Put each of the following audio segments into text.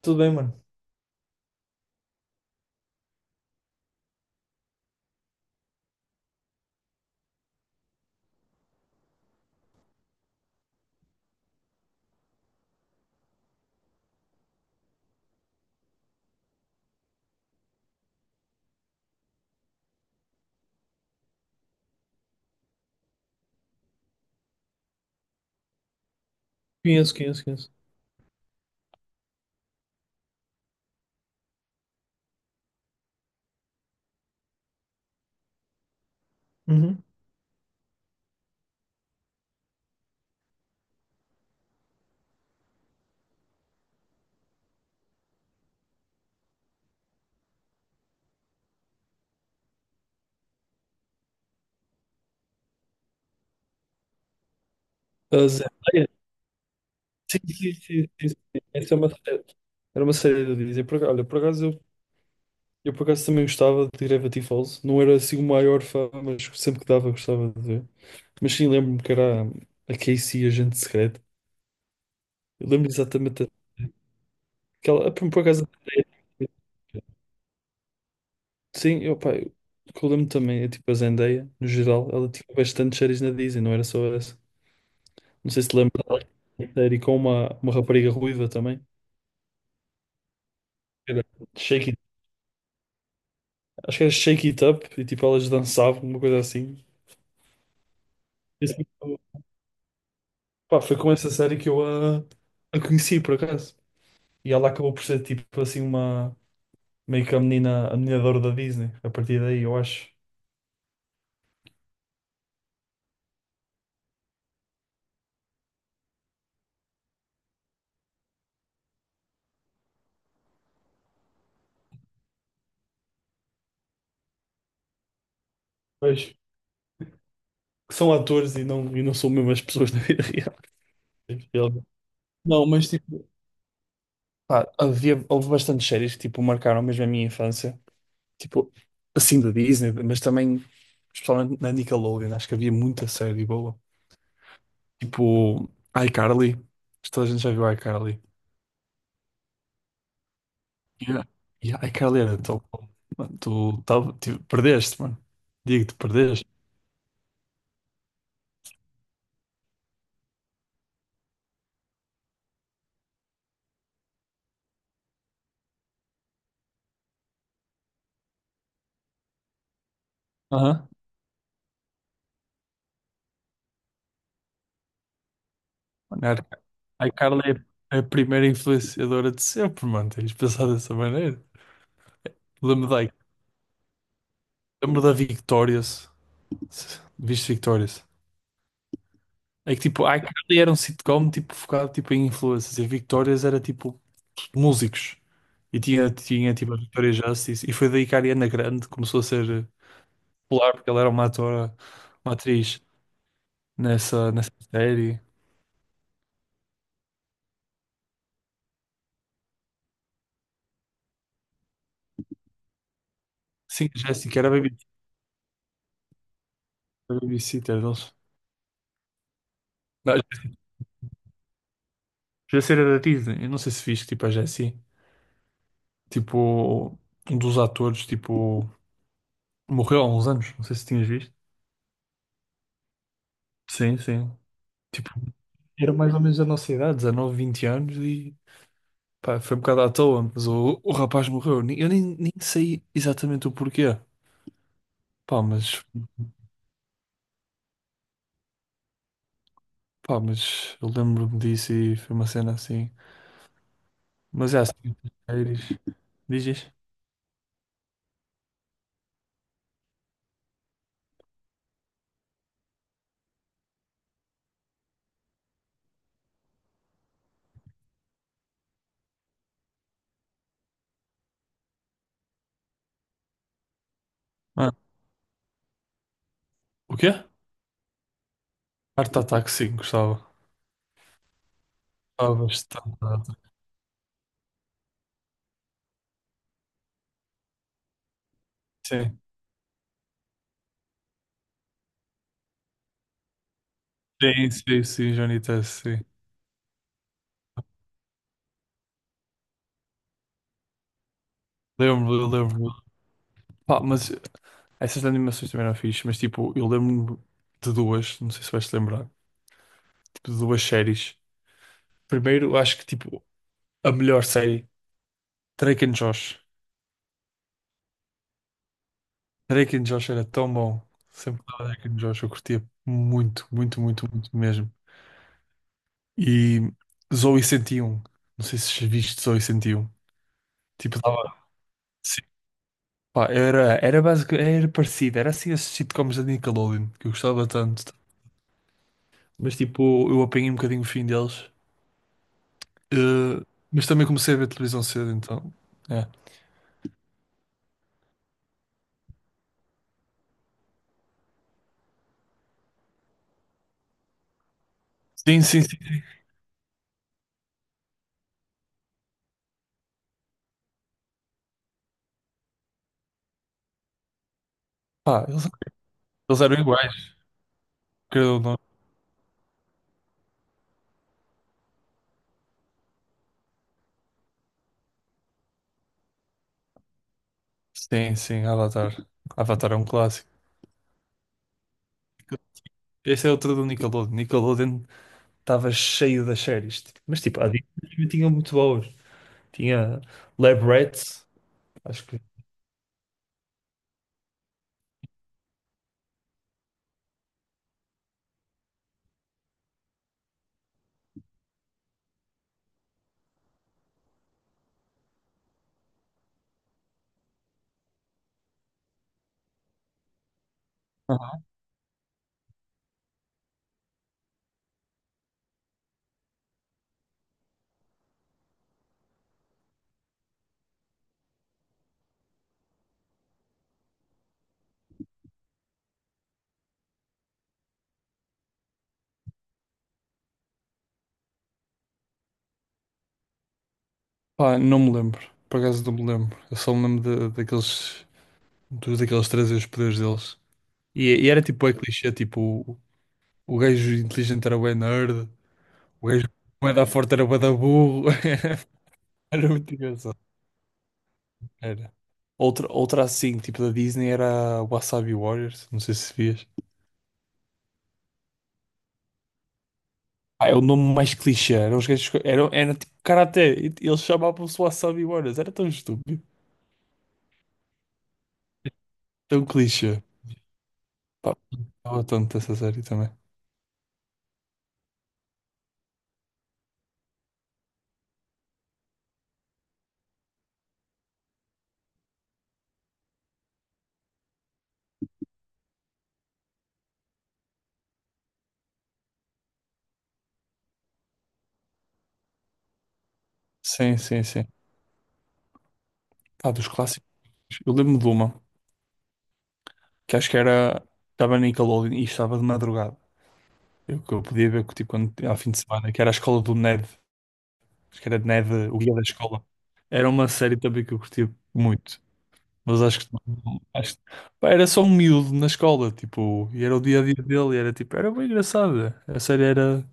Tudo bem, mano? Conheço, conheço, conheço. Uhum. A Zendaya? Sim, sim, sim, sim, sim. Essa é uma série. Era uma série de dizer. Olha, por acaso eu por acaso também gostava de Gravity Falls. Não era assim o maior fã, mas sempre que dava gostava de ver. Mas sim, lembro-me que era a Casey, a gente secreta. Eu lembro exatamente aquela. Por acaso. Sim, pá, eu, o que eu lembro também é tipo a Zendaya, no geral, ela tinha bastante séries na Disney, não era só essa. Não sei se te lembra dela, uma série com uma rapariga ruiva também. Era Shake It- Acho que era Shake It Up e tipo elas dançavam, uma coisa assim. E, assim, pá, foi com essa série que eu a conheci por acaso. E ela acabou por ser tipo assim uma, meio que a menina, de ouro da Disney a partir daí, eu acho. Pois, que são atores e não são mesmo as pessoas da vida real. Eles- Não, mas tipo, pá, houve bastantes séries que tipo marcaram mesmo a minha infância. Tipo, assim da Disney, mas também, especialmente na Nickelodeon, acho que havia muita série boa. Tipo, iCarly. Acho que toda a gente já viu iCarly. Yeah. E iCarly era tão bom. Mano, tipo, perdeste, mano. Digo-te, perdeste. Aham. Mano, a iCarly é a primeira influenciadora de sempre, mano. Tens de pensar dessa maneira. Lembro da, lembro da Victorious. Viste Victorious? É que tipo, a iCarly era um sitcom tipo, focado tipo, em influencers. E a Victorious era tipo músicos. E tinha tipo a Victoria Justice. E foi daí que a Ariana Grande começou a ser popular porque ela era uma atriz nessa série. Sim, a Jessica era a babysitter deles. Não, a Jessica era da Disney. Eu não sei se viste, tipo, a Jessie. Tipo, um dos atores, tipo, morreu há uns anos. Não sei se tinhas visto. Sim, sim. Tipo, era mais ou menos a nossa idade, 19, 20 anos e... Pá, foi um bocado à toa, mas o rapaz morreu. Nem- Eu nem, nem sei exatamente o porquê. Pá, mas eu lembro-me disso e foi uma cena assim. Mas é assim, séries. Diz, diz. Ah, o quê? Art Attack, sim, gostava. Gostava bastante de Art Attack. Sim, sim, sim, sim, Johnny Test, sim. Eu lembro-me. Pá, mas essas animações também eram fixe, mas tipo, eu lembro-me de duas, não sei se vais te lembrar, tipo, de duas séries. Primeiro, acho que tipo, a melhor série, Drake and Josh. Drake and Josh era tão bom. Sempre que dava Drake and Josh, eu curtia muito, muito, muito, muito mesmo. E Zoey 101, não sei se viste Zoey 101. Tipo, dava. Pá, era básico, era parecido, era assim esses sitcoms da Nickelodeon, que eu gostava tanto. Mas tipo, eu apanhei um bocadinho o fim deles. Eh, mas também comecei a ver televisão cedo, então. É. Sim, sim, sim. Pá, eles eram iguais, querendo ou não. Sim, sim, Avatar. Avatar é um clássico. Este é outro do Nickelodeon. Nickelodeon estava cheio das séries, tipo. Mas tipo, há dias que tinha muito boas. Tinha Lab Rats, acho que. Aham. Pá, não me lembro. Por acaso não me lembro. Eu só me lembro daqueles. Todos aqueles trazer os poderes deles. E era tipo, é clichê, tipo, o, o gajo inteligente era bué nerd, o gajo bué da forte era bué da burro. Era muito engraçado. Era. Outra assim, tipo da Disney, era Wasabi Warriors, não sei se vias. Ah, é o nome mais clichê, eram os gajos, eram, era tipo karaté, e eles chamavam-se Wasabi Warriors, era tão estúpido, tão clichê. Pá, gostava tanto dessa série também. Sim, sim, sim. Pá, dos clássicos, eu lembro de uma, que acho que era, estava na Nickelodeon e estava de madrugada. Eu, que eu podia ver que, tipo, quando, ao fim de semana, que era a escola do Ned, acho que era Ned, o guia da escola. Era uma série também que eu curtia muito, mas acho, pá, era só um miúdo na escola, tipo, e era o dia a dia dele, e era tipo, era bem engraçada. A série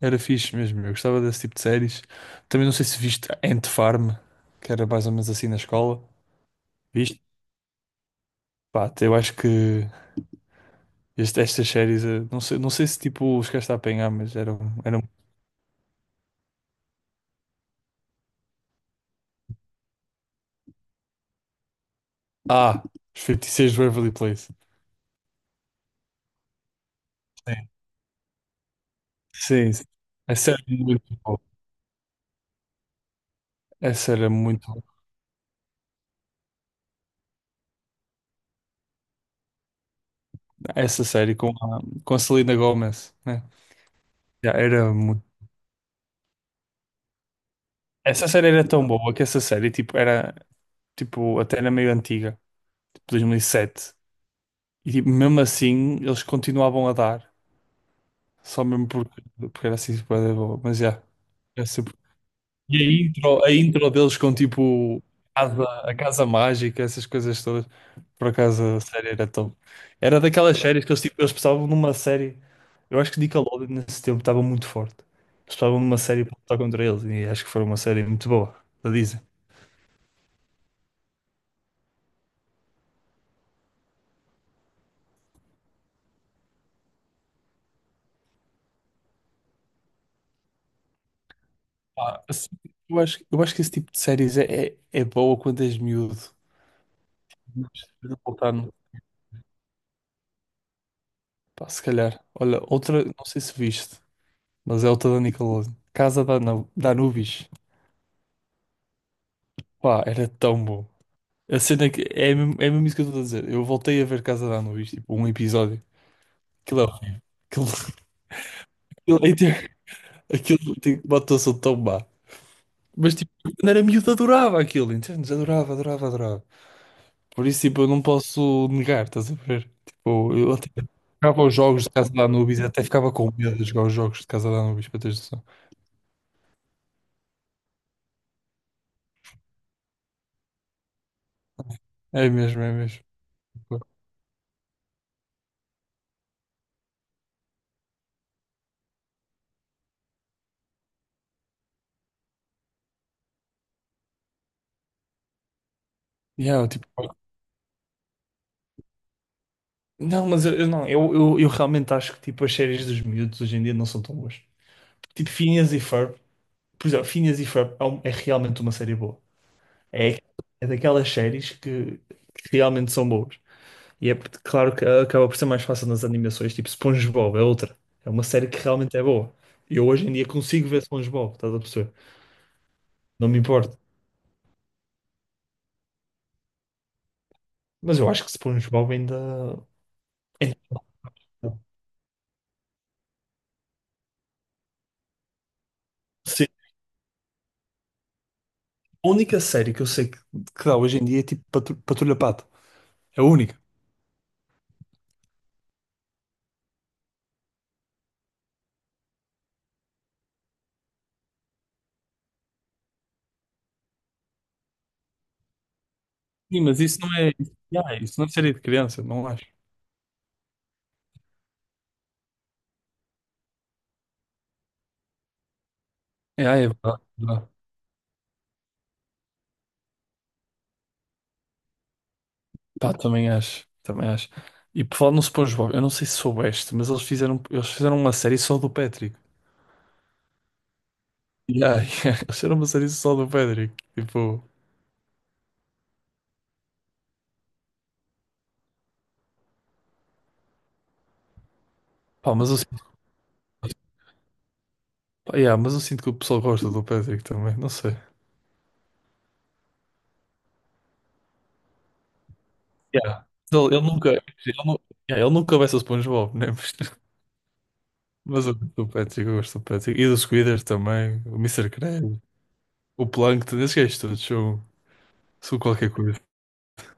era fixe mesmo, eu gostava desse tipo de séries. Também não sei se viste Ant Farm, que era mais ou menos assim na escola. Viste? Pá, eu acho que. Estas séries, não sei, se tipo os gajos a apanhar, mas eram, eram. Ah, os 56 de Waverly Place. Sim, sim, sim. Essa era muito boa. Essa era muito boa. Essa série com com a Selena Gomez, né? Já era muito. Essa série era tão boa que essa série tipo, até era meio antiga, tipo 2007. E sete. E tipo, mesmo assim eles continuavam a dar, só mesmo porque era assim, super boa. Mas já, yeah, e a a intro deles com tipo casa, a casa mágica, essas coisas todas. Por acaso a série era top. Era daquelas séries que eles, tipo, eles pensavam numa série. Eu acho que Nickelodeon nesse tempo estava muito forte. Eles pensavam numa série para lutar contra eles e acho que foi uma série muito boa, da Disney. Pá, assim, eu acho que esse tipo de séries é, é boa quando és miúdo. Mas de voltar pá, se calhar. Olha, outra, não sei se viste, mas é outra da Nickelodeon. Casa da Anubis. Pá, era tão bom. A cena é que é mesmo isso que eu estou a dizer. Eu voltei a ver Casa de Anubis, tipo, um episódio. Aquilo é horrível. Aquilo, aquilo, aquilo tem uma atuação tão má. Mas tipo, quando era miúdo adorava aquilo, entendes? Adorava, adorava, adorava. Por isso, tipo, eu não posso negar, estás a ver? Tipo, eu até jogava os jogos de Casa de Anubis, até ficava com medo de jogar os jogos de Casa de Anubis, para teres noção. É mesmo, é mesmo. Yeah, eu, tipo, não, mas eu não, eu realmente acho que tipo, as séries dos miúdos hoje em dia não são tão boas. Tipo, Phineas e Ferb. Por exemplo, Phineas e Ferb é realmente uma série boa. É, é daquelas séries que realmente são boas. E claro que acaba por ser mais fácil nas animações, tipo SpongeBob é outra. É uma série que realmente é boa. Eu hoje em dia consigo ver SpongeBob, estás a perceber? Não me importa. Mas eu acho que SpongeBob ainda é bom. Sim. A única série que eu sei que dá hoje em dia é tipo Patrulha Pato. É a única. Sim, mas isso não é. Ah, isso não é série de criança, não acho. É, ah, é verdade. Pá, também acho, também acho. E por falar no SpongeBob, eu não sei se soubeste, mas eles fizeram uma série só do Patrick. Yeah, yeah, eles fizeram uma série só do Patrick. Tipo, pá, yeah, mas eu sinto que o pessoal gosta do Patrick também, não sei. Yeah. Ele nunca, nu- yeah, ele nunca vai ser SpongeBob, né? Mas eu gosto do Patrick, eu gosto do Patrick. E do Squidward também, o Mister Krabs, o Plankton, esses gajos todos são qualquer coisa,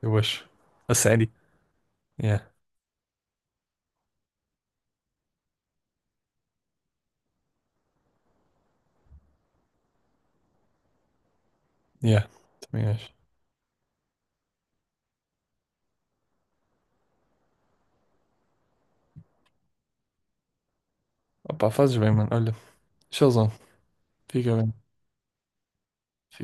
eu acho. A série. Yeah, yeah, também acho. Opá, fazes bem, mano. Olha. Showzão. Fica bem.